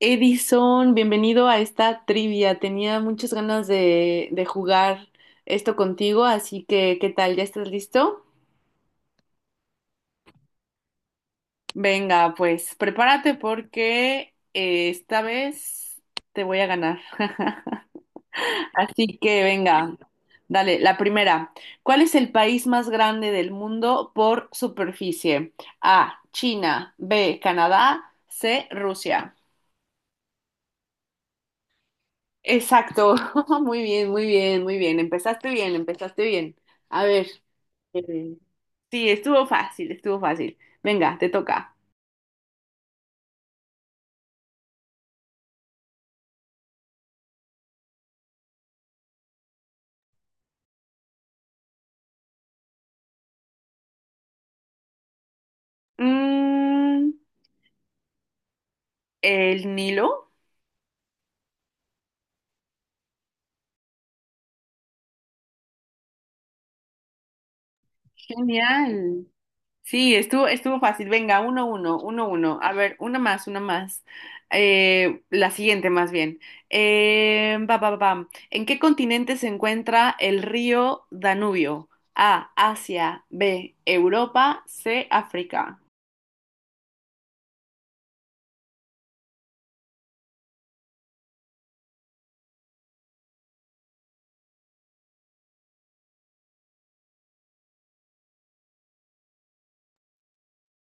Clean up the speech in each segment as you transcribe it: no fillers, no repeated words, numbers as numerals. Edison, bienvenido a esta trivia. Tenía muchas ganas de jugar esto contigo, así que, ¿qué tal? ¿Ya estás listo? Venga, pues prepárate porque esta vez te voy a ganar. Así que, venga, dale, la primera. ¿Cuál es el país más grande del mundo por superficie? A, China, B, Canadá, C, Rusia. Exacto, muy bien, muy bien, muy bien. Empezaste bien, empezaste bien. A ver, eh, sí, estuvo fácil, estuvo fácil. Venga, te toca. Mm, el Nilo. Genial. Sí, estuvo fácil. Venga, uno, uno, uno, uno. A ver, una más, una más. La siguiente, más bien. Pa, pa, pa, pam. ¿En qué continente se encuentra el río Danubio? A, Asia, B, Europa, C, África.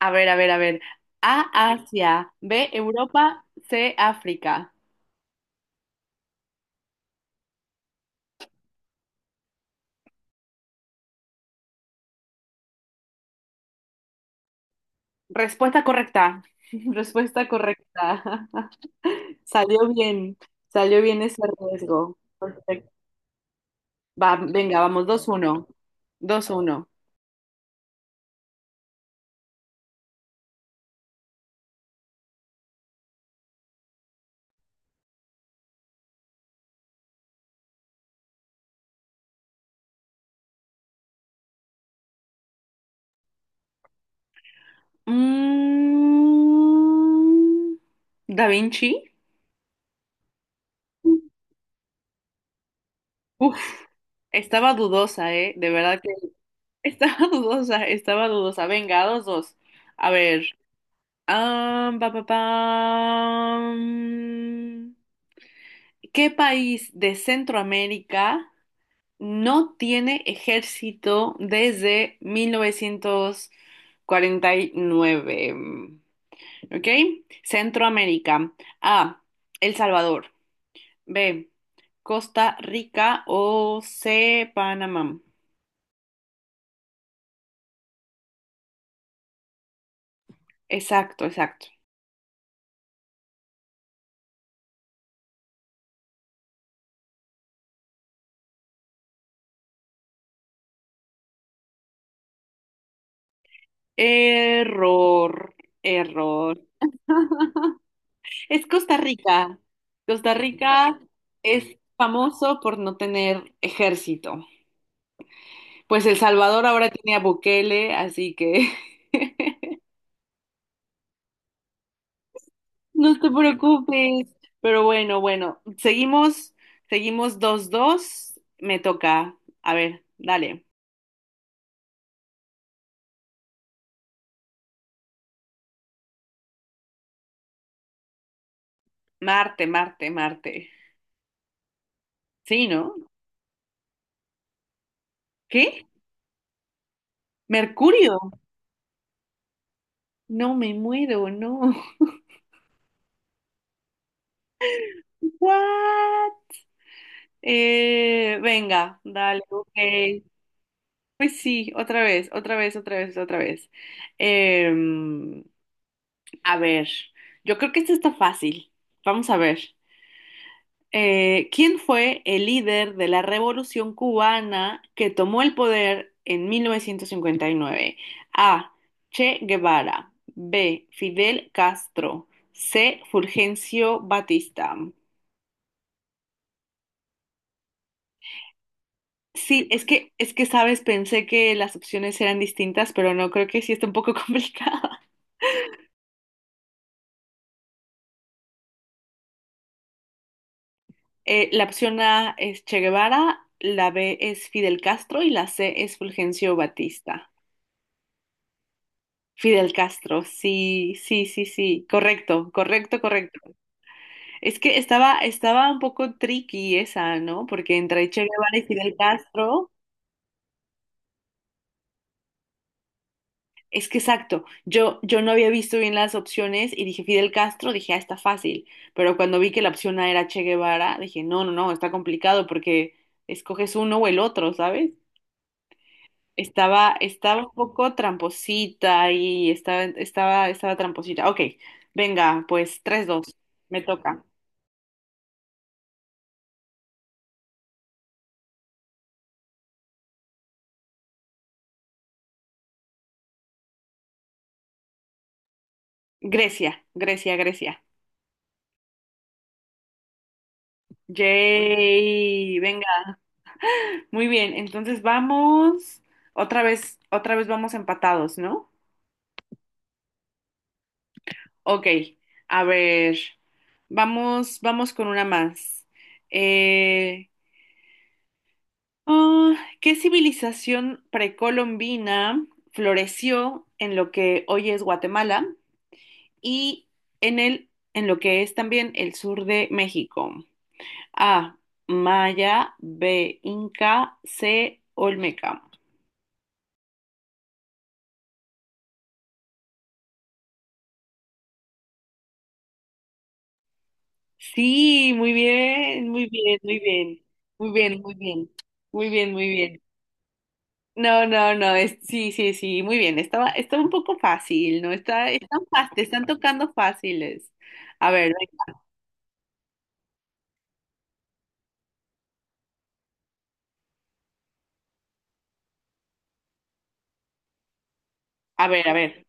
A ver, a ver, a ver. A, Asia. B, Europa. C, África. Respuesta correcta. Respuesta correcta. Salió bien. Salió bien ese riesgo. Perfecto. Va, venga, vamos. Dos uno. Dos uno. Mm, Da Vinci. Uf, estaba dudosa, ¿eh? De verdad que estaba dudosa, estaba dudosa. Venga, dos dos. A ver. Am, pa, pa, pam. ¿Qué país de Centroamérica no tiene ejército desde 1949? ¿Ok? Centroamérica. A. El Salvador. B. Costa Rica o C. Panamá. Exacto, exacto. Error, error. Es Costa Rica. Costa Rica es famoso por no tener ejército. Pues El Salvador ahora tiene a Bukele, así que no te preocupes. Pero bueno, bueno, seguimos, seguimos dos dos. Me toca. A ver, dale. Marte, Marte, Marte. Sí, ¿no? ¿Qué? ¿Mercurio? No me muero, no. What? Venga, dale, ok. Pues sí, otra vez, otra vez, otra vez, otra vez. Em, a ver, yo creo que esto está fácil. Vamos a ver. ¿Quién fue el líder de la Revolución Cubana que tomó el poder en 1959? A. Che Guevara. B. Fidel Castro. C. Fulgencio Batista. Sí, es que, sabes, pensé que las opciones eran distintas, pero no creo que sí está un poco complicado. La opción A es Che Guevara, la B es Fidel Castro y la C es Fulgencio Batista. Fidel Castro, sí, sí, sí, sí, correcto, correcto, correcto. Es que estaba, estaba un poco tricky esa, ¿no? Porque entre Che Guevara y Fidel Castro, es que exacto, yo no había visto bien las opciones y dije Fidel Castro, dije, ah, está fácil, pero cuando vi que la opción A era Che Guevara, dije, no, no, no, está complicado porque escoges uno o el otro, ¿sabes? Estaba, estaba un poco tramposita y estaba, estaba, estaba tramposita. Ok, venga, pues tres dos me toca. Grecia, Grecia, Grecia. Yay, venga. Muy bien, entonces vamos, otra vez vamos empatados, ¿no? Ok, a ver, vamos, vamos con una más. Eh, ah, ¿Qué civilización precolombina floreció en lo que hoy es Guatemala? Y en lo que es también el sur de México. A, Maya, B, Inca, C, Olmeca. Sí, muy bien, muy bien, muy bien, muy bien, muy bien, muy bien, muy bien. No, no, no, es, sí, sí, sí, muy bien. Estaba, estaba un poco fácil, ¿no? Está, están fácil, te están tocando fáciles. A ver, venga, a ver, a ver.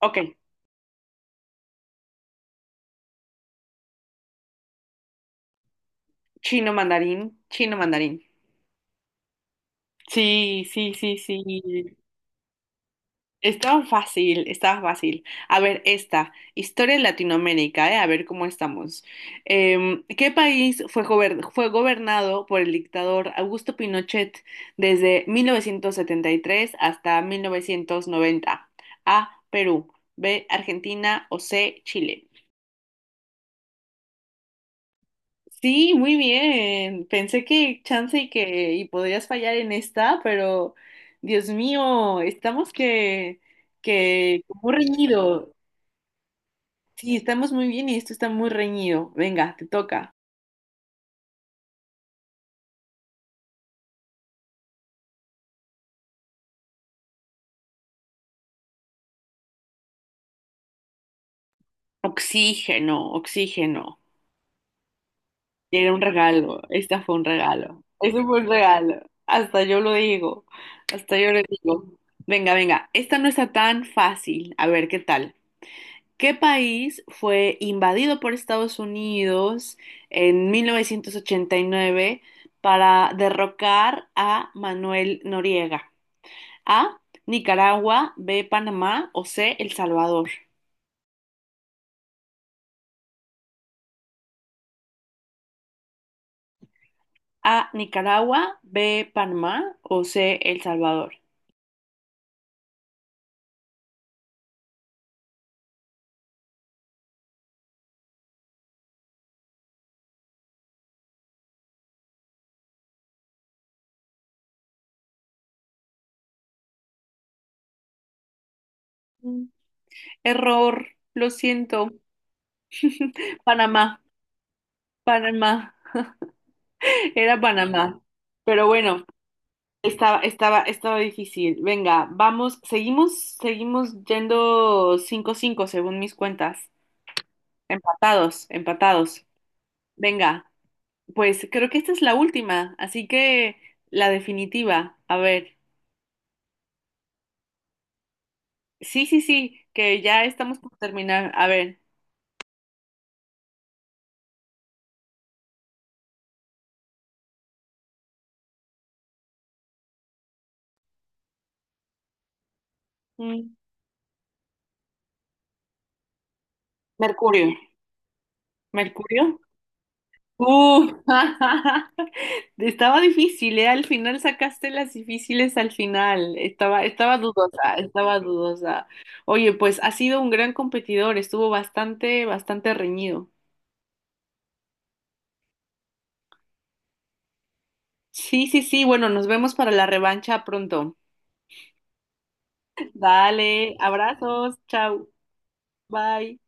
Ok, chino mandarín, chino mandarín. Sí, sí, sí, sí. Estaba fácil, estaba fácil. A ver, esta, historia de Latinoamérica, ¿eh? A ver cómo estamos. ¿Qué país fue, fue gobernado por el dictador Augusto Pinochet desde 1973 hasta 1990? A, Perú, B, Argentina o C, Chile. Sí, muy bien. Pensé que chance y que y podrías fallar en esta, pero Dios mío, estamos que muy reñido. Sí, estamos muy bien y esto está muy reñido. Venga, te toca. Oxígeno, oxígeno. Era un regalo. Este fue un regalo. Eso fue un regalo. Hasta yo lo digo. Hasta yo lo digo. Venga, venga. Esta no está tan fácil. A ver, ¿qué tal? ¿Qué país fue invadido por Estados Unidos en 1989 para derrocar a Manuel Noriega? A. Nicaragua. B. Panamá. O C. El Salvador. A, Nicaragua, B, Panamá o C, El Salvador. Mm. Error, lo siento. Panamá, Panamá, era Panamá. Pero bueno, estaba, estaba, estaba difícil. Venga, vamos, seguimos, seguimos yendo cinco, cinco según mis cuentas. Empatados, empatados. Venga, pues creo que esta es la última, así que la definitiva. A ver, sí, sí, sí, que ya estamos por terminar. A ver, mm, Mercurio. Mercurio. Uh, estaba difícil, ¿eh? Al final sacaste las difíciles al final. Estaba, estaba dudosa, estaba dudosa. Oye, pues ha sido un gran competidor, estuvo bastante, bastante reñido. Sí, sí, sí, bueno, nos vemos para la revancha pronto. Dale, abrazos, chao, bye.